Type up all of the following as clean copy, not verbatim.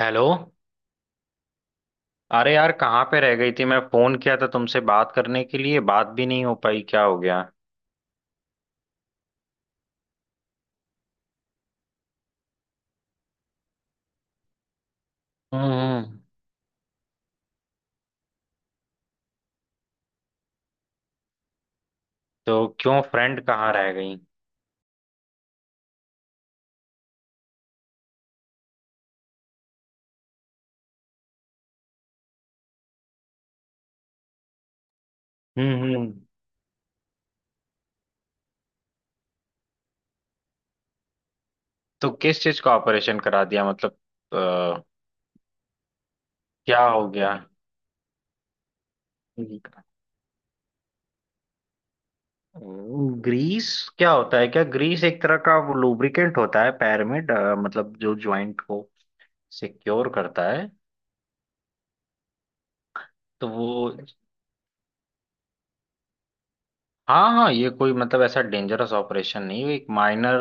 Hello. अरे यार, कहाँ पे रह गई थी? मैं फोन किया था तुमसे बात करने के लिए, बात भी नहीं हो पाई। क्या हो गया? हम्म हम्म। तो क्यों, फ्रेंड कहाँ रह गई? हम्म हम्म। तो किस चीज का ऑपरेशन करा दिया मतलब अ, क्या हो गया? ग्रीस क्या होता है? क्या ग्रीस एक तरह का वो लुब्रिकेंट होता है? पैर में मतलब जो जॉइंट को सिक्योर करता है। तो वो, हाँ हाँ, ये कोई मतलब ऐसा डेंजरस ऑपरेशन नहीं, एक माइनर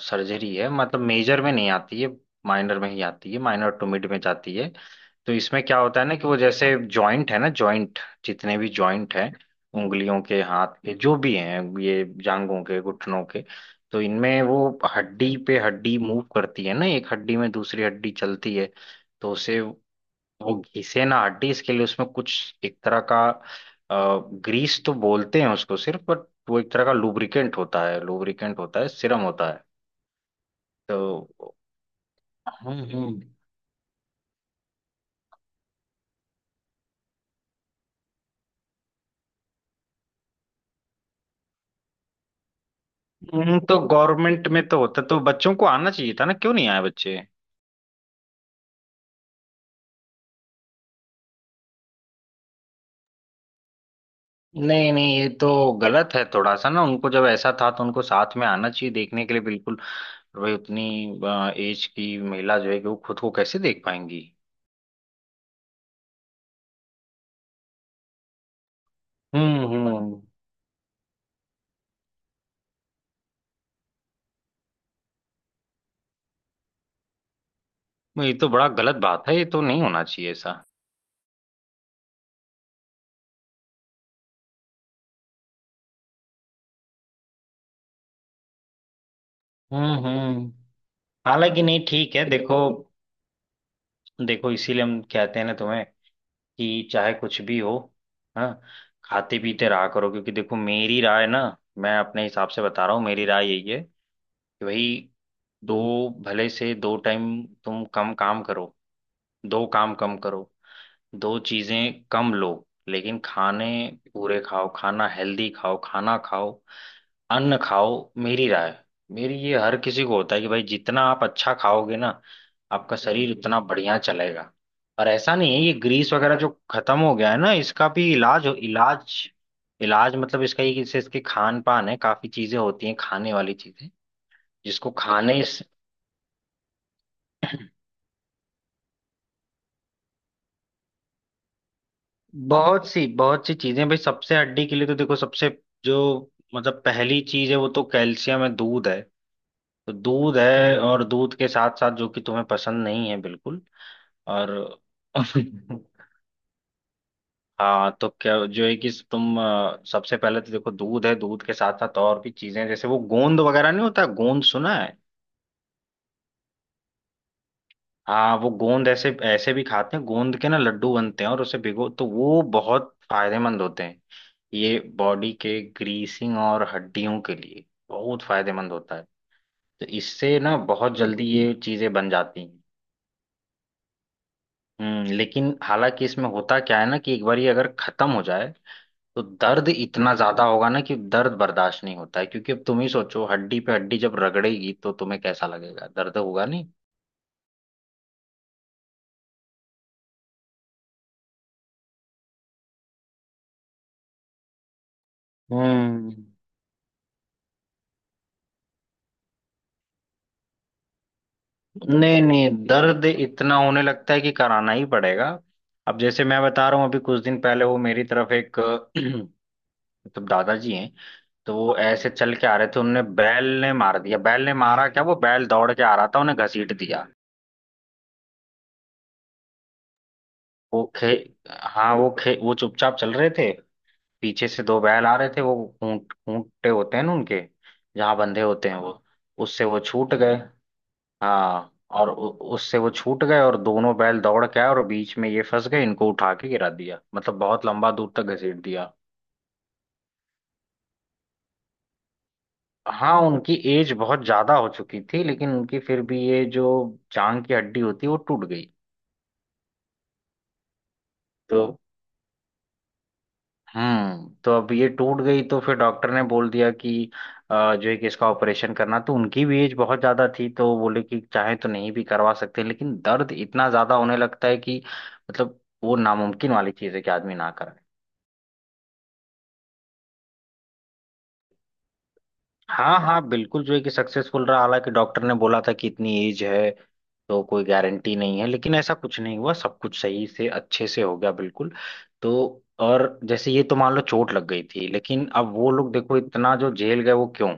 सर्जरी है। मतलब मेजर में नहीं आती है, माइनर में ही आती है। माइनर टू मिड में जाती है। तो इसमें क्या होता है ना, कि वो जैसे जॉइंट है ना, जॉइंट जितने भी जॉइंट हैं, उंगलियों के, हाथ के, जो भी हैं, ये जांघों के, घुटनों के, तो इनमें वो हड्डी पे हड्डी मूव करती है ना, एक हड्डी में दूसरी हड्डी चलती है। तो उसे वो घिसे ना हड्डी, इसके लिए उसमें कुछ एक तरह का, ग्रीस तो बोलते हैं उसको सिर्फ, बट वो एक तरह का लुब्रिकेंट होता है। लुब्रिकेंट होता है, सिरम होता है। तो हम्म हम्म तो गवर्नमेंट में तो होता, तो बच्चों को आना चाहिए था ना, क्यों नहीं आए बच्चे? नहीं नहीं, ये तो गलत है थोड़ा सा ना, उनको जब ऐसा था तो उनको साथ में आना चाहिए देखने के लिए। बिल्कुल भाई, उतनी एज की महिला जो है, कि वो खुद को कैसे देख पाएंगी? हम्म, ये तो बड़ा गलत बात है, ये तो नहीं होना चाहिए ऐसा। हम्म। हालांकि नहीं, ठीक है, देखो। देखो इसीलिए हम कहते हैं ना तुम्हें, कि चाहे कुछ भी हो, हाँ, खाते पीते रहा करो, क्योंकि देखो मेरी राय ना। मैं अपने हिसाब से बता रहा हूँ, मेरी राय यही है कि भाई, दो भले से दो टाइम तुम कम काम करो, दो काम कम करो, दो चीजें कम लो, लेकिन खाने पूरे खाओ, खाना हेल्दी खाओ, खाना खाओ, अन्न खाओ। मेरी राय, मेरी ये हर किसी को होता है कि भाई, जितना आप अच्छा खाओगे ना, आपका शरीर हम्म, उतना बढ़िया चलेगा। पर ऐसा नहीं है, ये ग्रीस वगैरह जो खत्म हो गया है ना, इसका भी इलाज हो। इलाज इलाज मतलब इसका ये कि इससे, इसके खान पान है, काफी चीजें होती हैं खाने वाली चीजें, जिसको खाने से- बहुत सी चीजें भाई, सबसे हड्डी के लिए तो देखो, सबसे जो मतलब पहली चीज है वो तो कैल्शियम है, दूध है। तो दूध है, और दूध के साथ साथ, जो कि तुम्हें पसंद नहीं है बिल्कुल। और हाँ, तो क्या जो है कि तुम सबसे पहले तो देखो दूध है, दूध के साथ साथ और भी चीजें जैसे वो गोंद वगैरह, नहीं होता गोंद सुना है? हाँ वो गोंद, ऐसे ऐसे भी खाते हैं, गोंद के ना लड्डू बनते हैं, और उसे भिगो तो वो बहुत फायदेमंद होते हैं। ये बॉडी के ग्रीसिंग और हड्डियों के लिए बहुत फायदेमंद होता है। तो इससे ना बहुत जल्दी ये चीजें बन जाती हैं। लेकिन हालांकि इसमें होता क्या है ना, कि एक बार ये अगर खत्म हो जाए, तो दर्द इतना ज्यादा होगा ना, कि दर्द बर्दाश्त नहीं होता है। क्योंकि अब तुम ही सोचो, हड्डी पे हड्डी जब रगड़ेगी तो तुम्हें कैसा लगेगा, दर्द होगा नहीं? हम्म। नहीं नहीं, दर्द इतना होने लगता है कि कराना ही पड़ेगा। अब जैसे मैं बता रहा हूँ, अभी कुछ दिन पहले वो मेरी तरफ एक मतलब दादाजी हैं, तो वो ऐसे चल के आ रहे थे, उनने बैल ने मार दिया, बैल ने मारा क्या, वो बैल दौड़ के आ रहा था, उन्हें घसीट दिया। वो खे हाँ, वो चुपचाप चल रहे थे, पीछे से दो बैल आ रहे थे। वो खूंटे होते हैं ना उनके, जहाँ बंधे होते हैं वो, उससे वो छूट गए। हाँ और उससे वो छूट गए, और दोनों बैल दौड़ के आए और बीच में ये फंस गए, इनको उठा के गिरा दिया, मतलब बहुत लंबा दूर तक घसीट दिया। हाँ, उनकी एज बहुत ज्यादा हो चुकी थी, लेकिन उनकी फिर भी ये जो जांग की हड्डी होती है, वो टूट गई। तो हम्म, तो अब ये टूट गई, तो फिर डॉक्टर ने बोल दिया कि जो है कि इसका ऑपरेशन करना, तो उनकी भी एज बहुत ज्यादा थी, तो बोले कि चाहे तो नहीं भी करवा सकते, लेकिन दर्द इतना ज्यादा होने लगता है कि मतलब वो नामुमकिन वाली चीज है कि आदमी ना कराए। हाँ हाँ, बिल्कुल जो है कि सक्सेसफुल रहा। हालांकि डॉक्टर ने बोला था कि इतनी एज है तो कोई गारंटी नहीं है, लेकिन ऐसा कुछ नहीं हुआ, सब कुछ सही से अच्छे से हो गया बिल्कुल। तो और जैसे ये तो मान लो चोट लग गई थी, लेकिन अब वो लोग देखो इतना जो झेल गए, वो क्यों?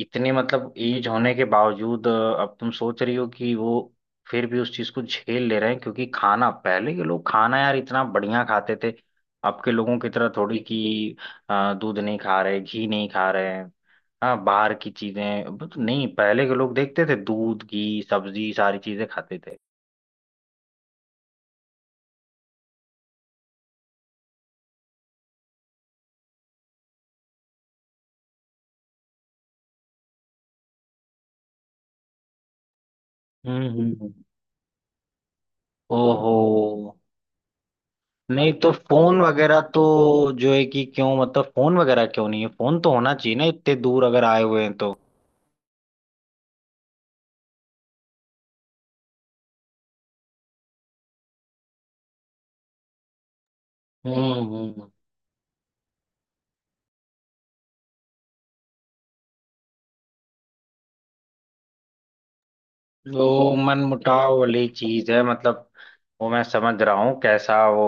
इतने मतलब एज होने के बावजूद अब तुम सोच रही हो कि वो फिर भी उस चीज को झेल ले रहे हैं, क्योंकि खाना, पहले के लोग खाना यार इतना बढ़िया खाते थे। अब के लोगों की तरह थोड़ी कि दूध नहीं खा रहे, घी नहीं खा रहे हैं। हाँ बाहर की चीजें बट नहीं, पहले के लोग देखते थे, दूध घी सब्जी सारी चीजें खाते थे। हम्म हम्म, हम्म। ओहो। नहीं तो फोन वगैरह तो जो है कि, क्यों मतलब फोन वगैरह क्यों नहीं है? फोन तो होना चाहिए ना, इतने दूर अगर आए हुए हैं तो। हम्म हम्म। तो मन मुटाव वाली चीज है मतलब, वो मैं समझ रहा हूँ कैसा वो,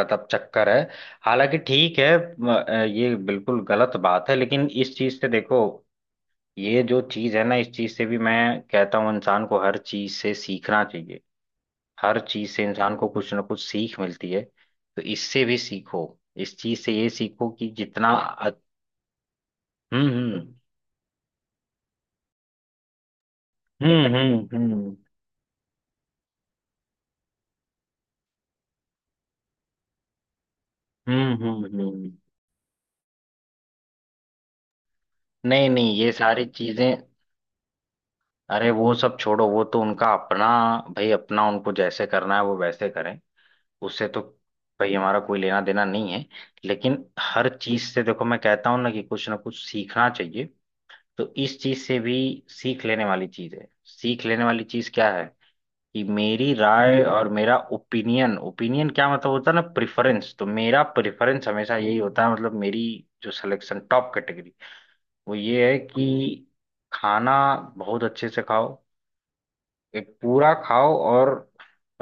मतलब चक्कर है। हालांकि ठीक है, ये बिल्कुल गलत बात है, लेकिन इस चीज से देखो, ये जो चीज है ना, इस चीज से भी मैं कहता हूँ, इंसान को हर चीज से सीखना चाहिए। हर चीज से इंसान को कुछ ना कुछ सीख मिलती है, तो इससे भी सीखो। इस चीज से ये सीखो कि जितना हम्म हम्म हम्म हम्म हम्म हम्म हम्म हम्म। नहीं नहीं, ये सारी चीजें, अरे वो सब छोड़ो, वो तो उनका अपना, भाई अपना उनको जैसे करना है वो वैसे करें, उससे तो भाई हमारा कोई लेना देना नहीं है। लेकिन हर चीज से देखो, मैं कहता हूँ ना कि कुछ ना कुछ सीखना चाहिए। तो इस चीज से भी सीख लेने वाली चीज है। सीख लेने वाली चीज क्या है? कि मेरी राय, और मेरा ओपिनियन, ओपिनियन क्या मतलब होता है ना, प्रेफरेंस, तो मेरा प्रेफरेंस हमेशा यही होता है, मतलब मेरी जो सिलेक्शन टॉप कैटेगरी, वो ये है कि खाना बहुत अच्छे से खाओ, एक पूरा खाओ, और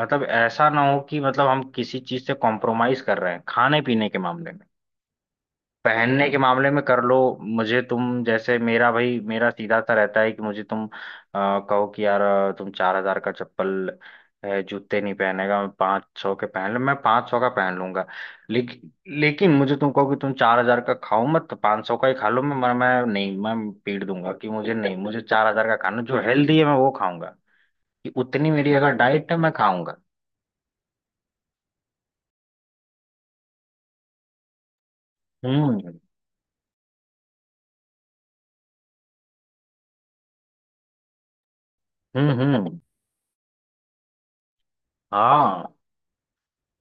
मतलब ऐसा ना हो कि मतलब हम किसी चीज से कॉम्प्रोमाइज कर रहे हैं खाने पीने के मामले में। पहनने के मामले में कर लो। मुझे तुम जैसे, मेरा भाई, मेरा सीधा सा रहता है कि मुझे तुम कहो कि यार तुम 4000 का चप्पल है जूते नहीं पहनेगा, मैं 500 के पहन लूँ, मैं 500 का पहन लूंगा। लेकिन लेकिन मुझे तुम कहो कि तुम 4000 का खाओ मत, तो 500 का ही खा लो, मैं नहीं, मैं पीट दूंगा कि मुझे नहीं, मुझे 4000 का खाना जो हेल्दी है, मैं वो खाऊंगा। कि उतनी मेरी अगर डाइट है, मैं खाऊंगा। हम्म हम्म। हाँ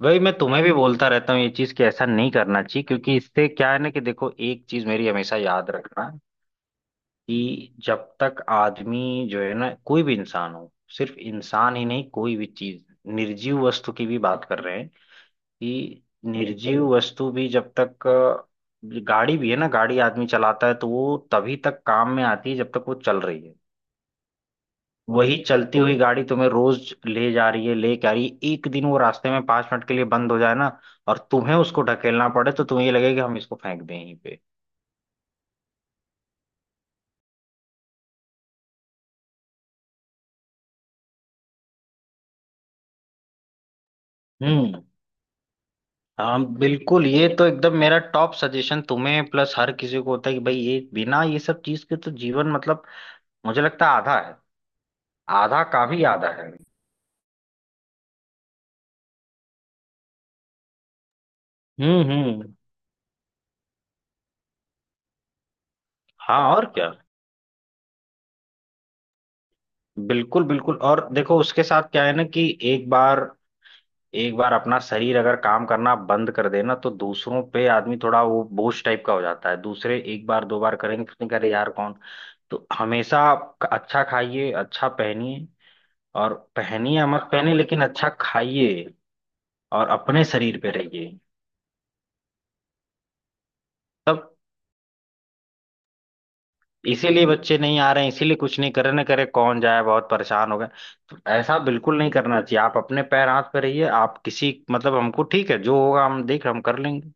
वही मैं तुम्हें भी बोलता रहता हूँ ये चीज, कि ऐसा नहीं करना चाहिए, क्योंकि इससे क्या है ना कि देखो, एक चीज मेरी हमेशा याद रखना, कि जब तक आदमी जो है ना, कोई भी इंसान हो, सिर्फ इंसान ही नहीं, कोई भी चीज, निर्जीव वस्तु की भी बात कर रहे हैं, कि निर्जीव वस्तु भी जब तक गाड़ी भी है ना, गाड़ी आदमी चलाता है, तो वो तभी तक काम में आती है जब तक वो चल रही है। वही चलती हुई गाड़ी तुम्हें रोज ले जा रही है, ले के आ रही है, एक दिन वो रास्ते में 5 मिनट के लिए बंद हो जाए ना, और तुम्हें उसको ढकेलना पड़े, तो तुम्हें ये लगे कि हम इसको फेंक दें यहीं पे। हम्म। हाँ बिल्कुल, ये तो एकदम मेरा टॉप सजेशन तुम्हें प्लस हर किसी को होता है कि भाई, ये बिना ये सब चीज के तो जीवन मतलब मुझे लगता है आधा है। आधा काम ही आधा है। हम्म। हाँ और क्या, बिल्कुल बिल्कुल, और देखो उसके साथ क्या है ना, कि एक बार, एक बार अपना शरीर अगर काम करना बंद कर देना, तो दूसरों पे आदमी थोड़ा वो बोझ टाइप का हो जाता है। दूसरे एक बार दो बार करेंगे, तो फिर करें यार कौन? तो हमेशा आप अच्छा खाइए, अच्छा पहनिए, और पहनिए या मत पहने, लेकिन अच्छा खाइए और अपने शरीर पे रहिए। तब इसीलिए बच्चे नहीं आ रहे हैं, इसीलिए कुछ नहीं, करे ना करे, कौन जाए, बहुत परेशान हो गए। तो ऐसा बिल्कुल नहीं करना चाहिए, आप अपने पैर हाथ पे रहिए, आप किसी मतलब हमको ठीक है, जो होगा हम देख, हम कर लेंगे।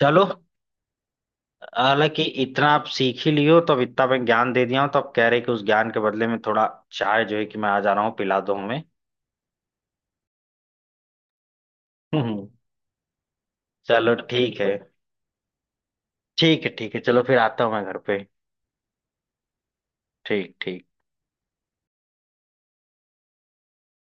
चलो, हालांकि इतना आप सीख ही लियो, तो अब इतना मैं ज्ञान दे दिया हूं, तो आप कह रहे हैं कि उस ज्ञान के बदले में थोड़ा चाय जो है कि मैं आ जा रहा हूँ पिला दो हमें। चलो ठीक है। ठीक है ठीक है, चलो फिर आता हूँ मैं घर पे। ठीक ठीक।